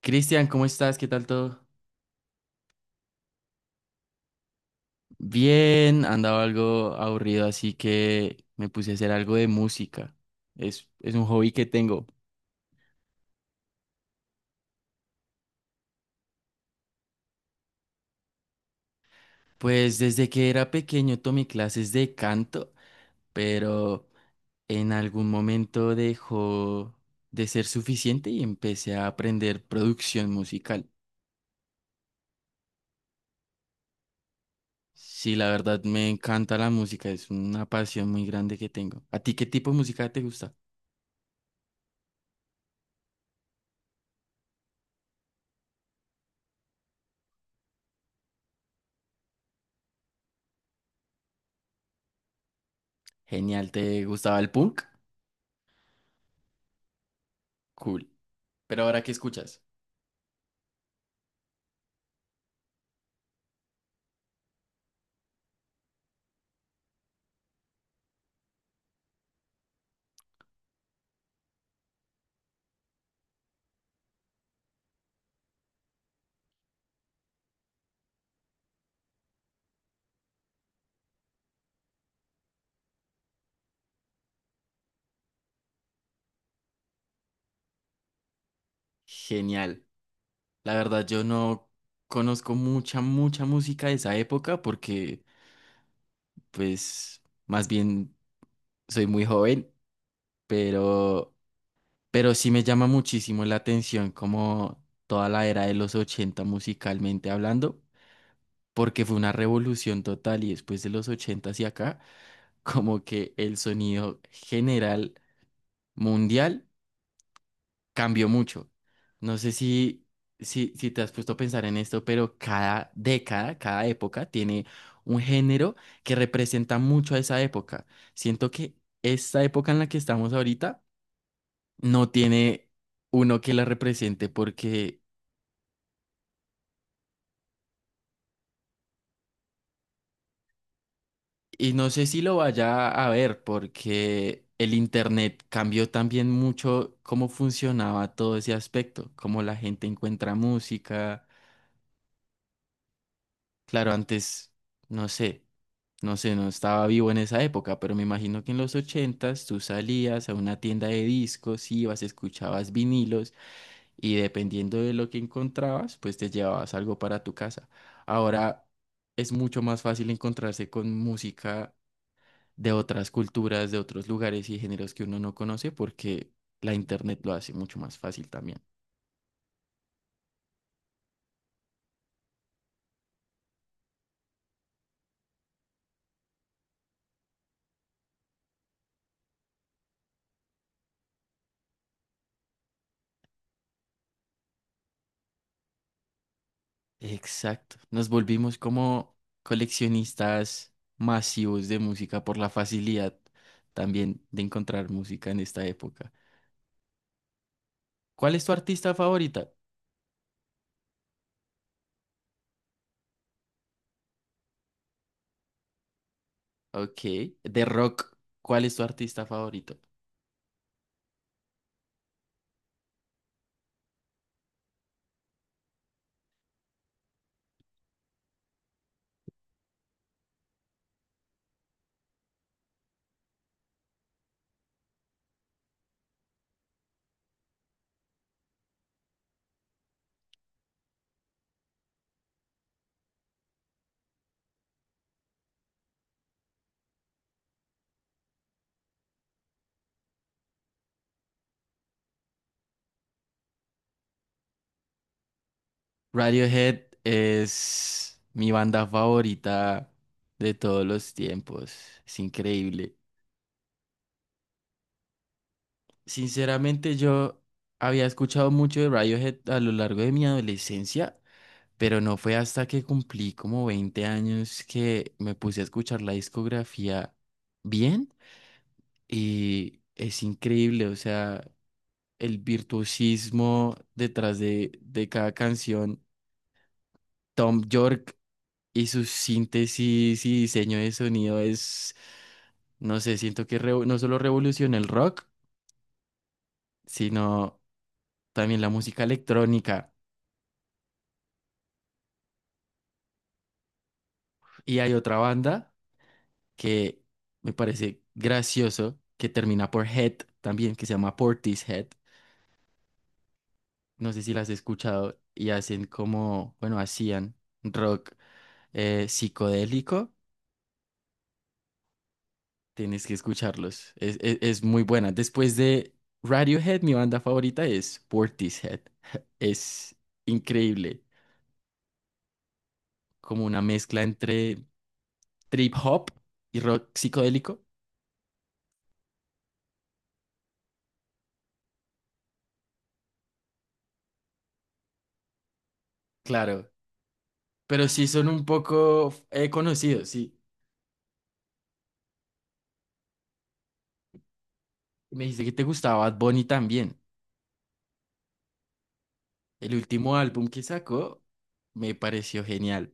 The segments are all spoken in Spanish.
Cristian, ¿cómo estás? ¿Qué tal todo? Bien, andaba algo aburrido, así que me puse a hacer algo de música. Es un hobby que tengo. Pues desde que era pequeño tomé clases de canto, pero en algún momento dejó de ser suficiente y empecé a aprender producción musical. Sí, la verdad me encanta la música, es una pasión muy grande que tengo. ¿A ti qué tipo de música te gusta? Genial, ¿te gustaba el punk? Cool. Pero ahora, ¿qué escuchas? Genial. La verdad, yo no conozco mucha música de esa época porque, pues, más bien soy muy joven, pero, pero sí me llama muchísimo la atención como toda la era de los 80 musicalmente hablando, porque fue una revolución total y después de los 80 hacia acá, como que el sonido general mundial cambió mucho. No sé si te has puesto a pensar en esto, pero cada década, cada época tiene un género que representa mucho a esa época. Siento que esta época en la que estamos ahorita no tiene uno que la represente porque, y no sé si lo vaya a ver porque el internet cambió también mucho cómo funcionaba todo ese aspecto, cómo la gente encuentra música. Claro, antes, no sé, no sé, no estaba vivo en esa época, pero me imagino que en los 80 tú salías a una tienda de discos, ibas, escuchabas vinilos y dependiendo de lo que encontrabas, pues te llevabas algo para tu casa. Ahora es mucho más fácil encontrarse con música de otras culturas, de otros lugares y géneros que uno no conoce porque la internet lo hace mucho más fácil también. Exacto. Nos volvimos como coleccionistas masivos de música por la facilidad también de encontrar música en esta época. ¿Cuál es tu artista favorita? Ok. De rock, ¿cuál es tu artista favorito? Radiohead es mi banda favorita de todos los tiempos. Es increíble. Sinceramente, yo había escuchado mucho de Radiohead a lo largo de mi adolescencia. Pero no fue hasta que cumplí como 20 años que me puse a escuchar la discografía bien y es increíble, o sea, el virtuosismo detrás de cada canción. Tom York y su síntesis y diseño de sonido es, no sé, siento que no solo revolucionó el rock, sino también la música electrónica. Y hay otra banda que me parece gracioso, que termina por Head también, que se llama Portishead. No sé si las has escuchado y hacen como, bueno, hacían rock psicodélico. Tienes que escucharlos. Es muy buena. Después de Radiohead, mi banda favorita es Portishead. Es increíble. Como una mezcla entre trip hop y rock psicodélico. Claro. Pero sí son un poco conocidos, sí. Y me dijiste que te gustaba Bad Bunny también. El último álbum que sacó me pareció genial.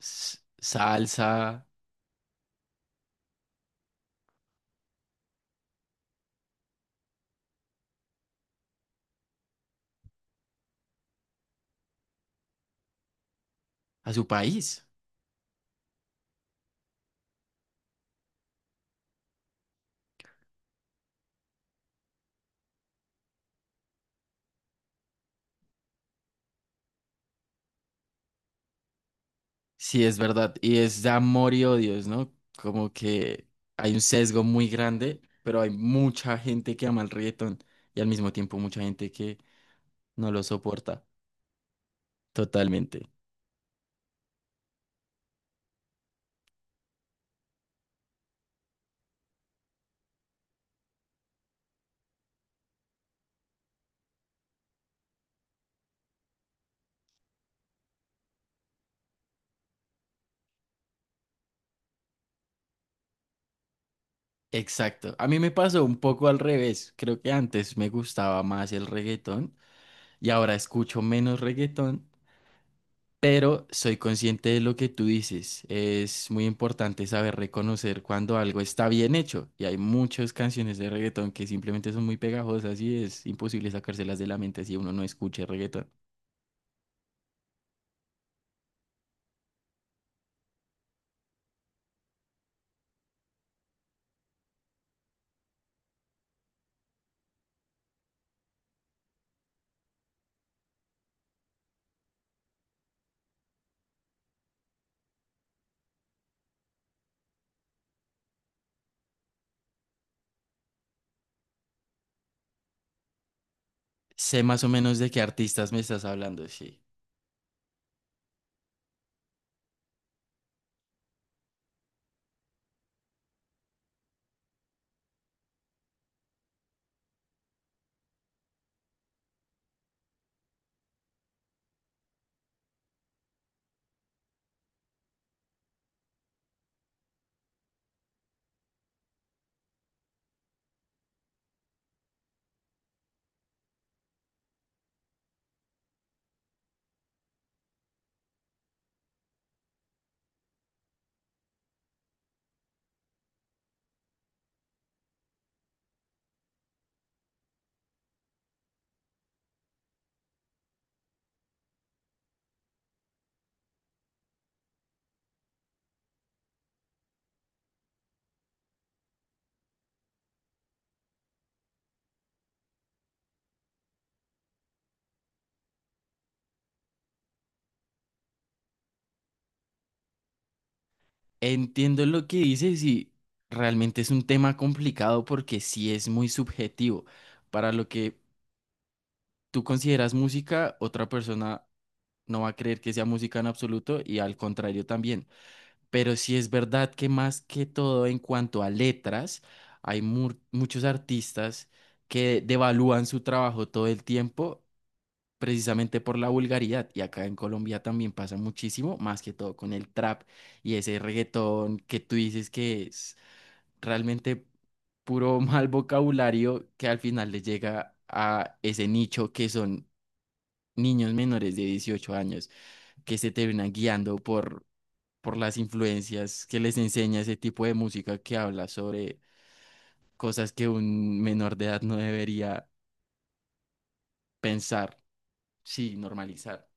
Salsa a su país. Sí, es verdad. Y es de amor y odios, ¿no? Como que hay un sesgo muy grande, pero hay mucha gente que ama el reggaetón y al mismo tiempo mucha gente que no lo soporta totalmente. Exacto. A mí me pasó un poco al revés. Creo que antes me gustaba más el reggaetón y ahora escucho menos reggaetón. Pero soy consciente de lo que tú dices. Es muy importante saber reconocer cuando algo está bien hecho. Y hay muchas canciones de reggaetón que simplemente son muy pegajosas y es imposible sacárselas de la mente si uno no escucha reggaetón. Sé más o menos de qué artistas me estás hablando, sí. Entiendo lo que dices y realmente es un tema complicado porque sí es muy subjetivo. Para lo que tú consideras música, otra persona no va a creer que sea música en absoluto y al contrario también. Pero sí es verdad que más que todo en cuanto a letras, hay muchos artistas que devalúan su trabajo todo el tiempo precisamente por la vulgaridad. Y acá en Colombia también pasa muchísimo, más que todo con el trap y ese reggaetón que tú dices que es realmente puro mal vocabulario que al final le llega a ese nicho que son niños menores de 18 años que se terminan guiando por las influencias que les enseña ese tipo de música que habla sobre cosas que un menor de edad no debería pensar, sí, normalizar.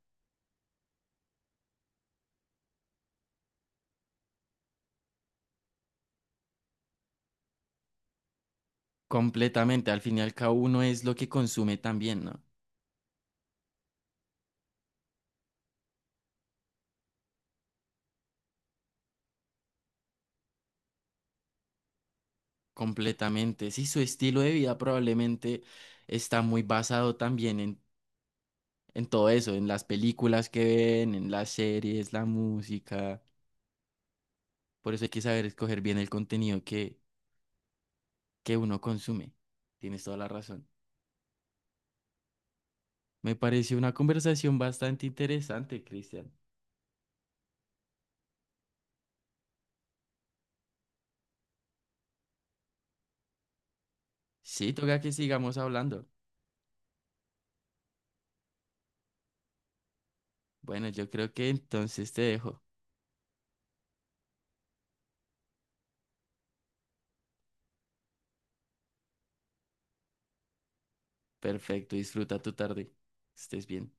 Completamente, al fin y al cabo uno es lo que consume también, ¿no? Completamente. Sí, su estilo de vida probablemente está muy basado también en todo eso, en las películas que ven, en las series, la música. Por eso hay que saber escoger bien el contenido que uno consume. Tienes toda la razón. Me pareció una conversación bastante interesante, Cristian. Sí, toca que sigamos hablando. Bueno, yo creo que entonces te dejo. Perfecto, disfruta tu tarde. Estés bien.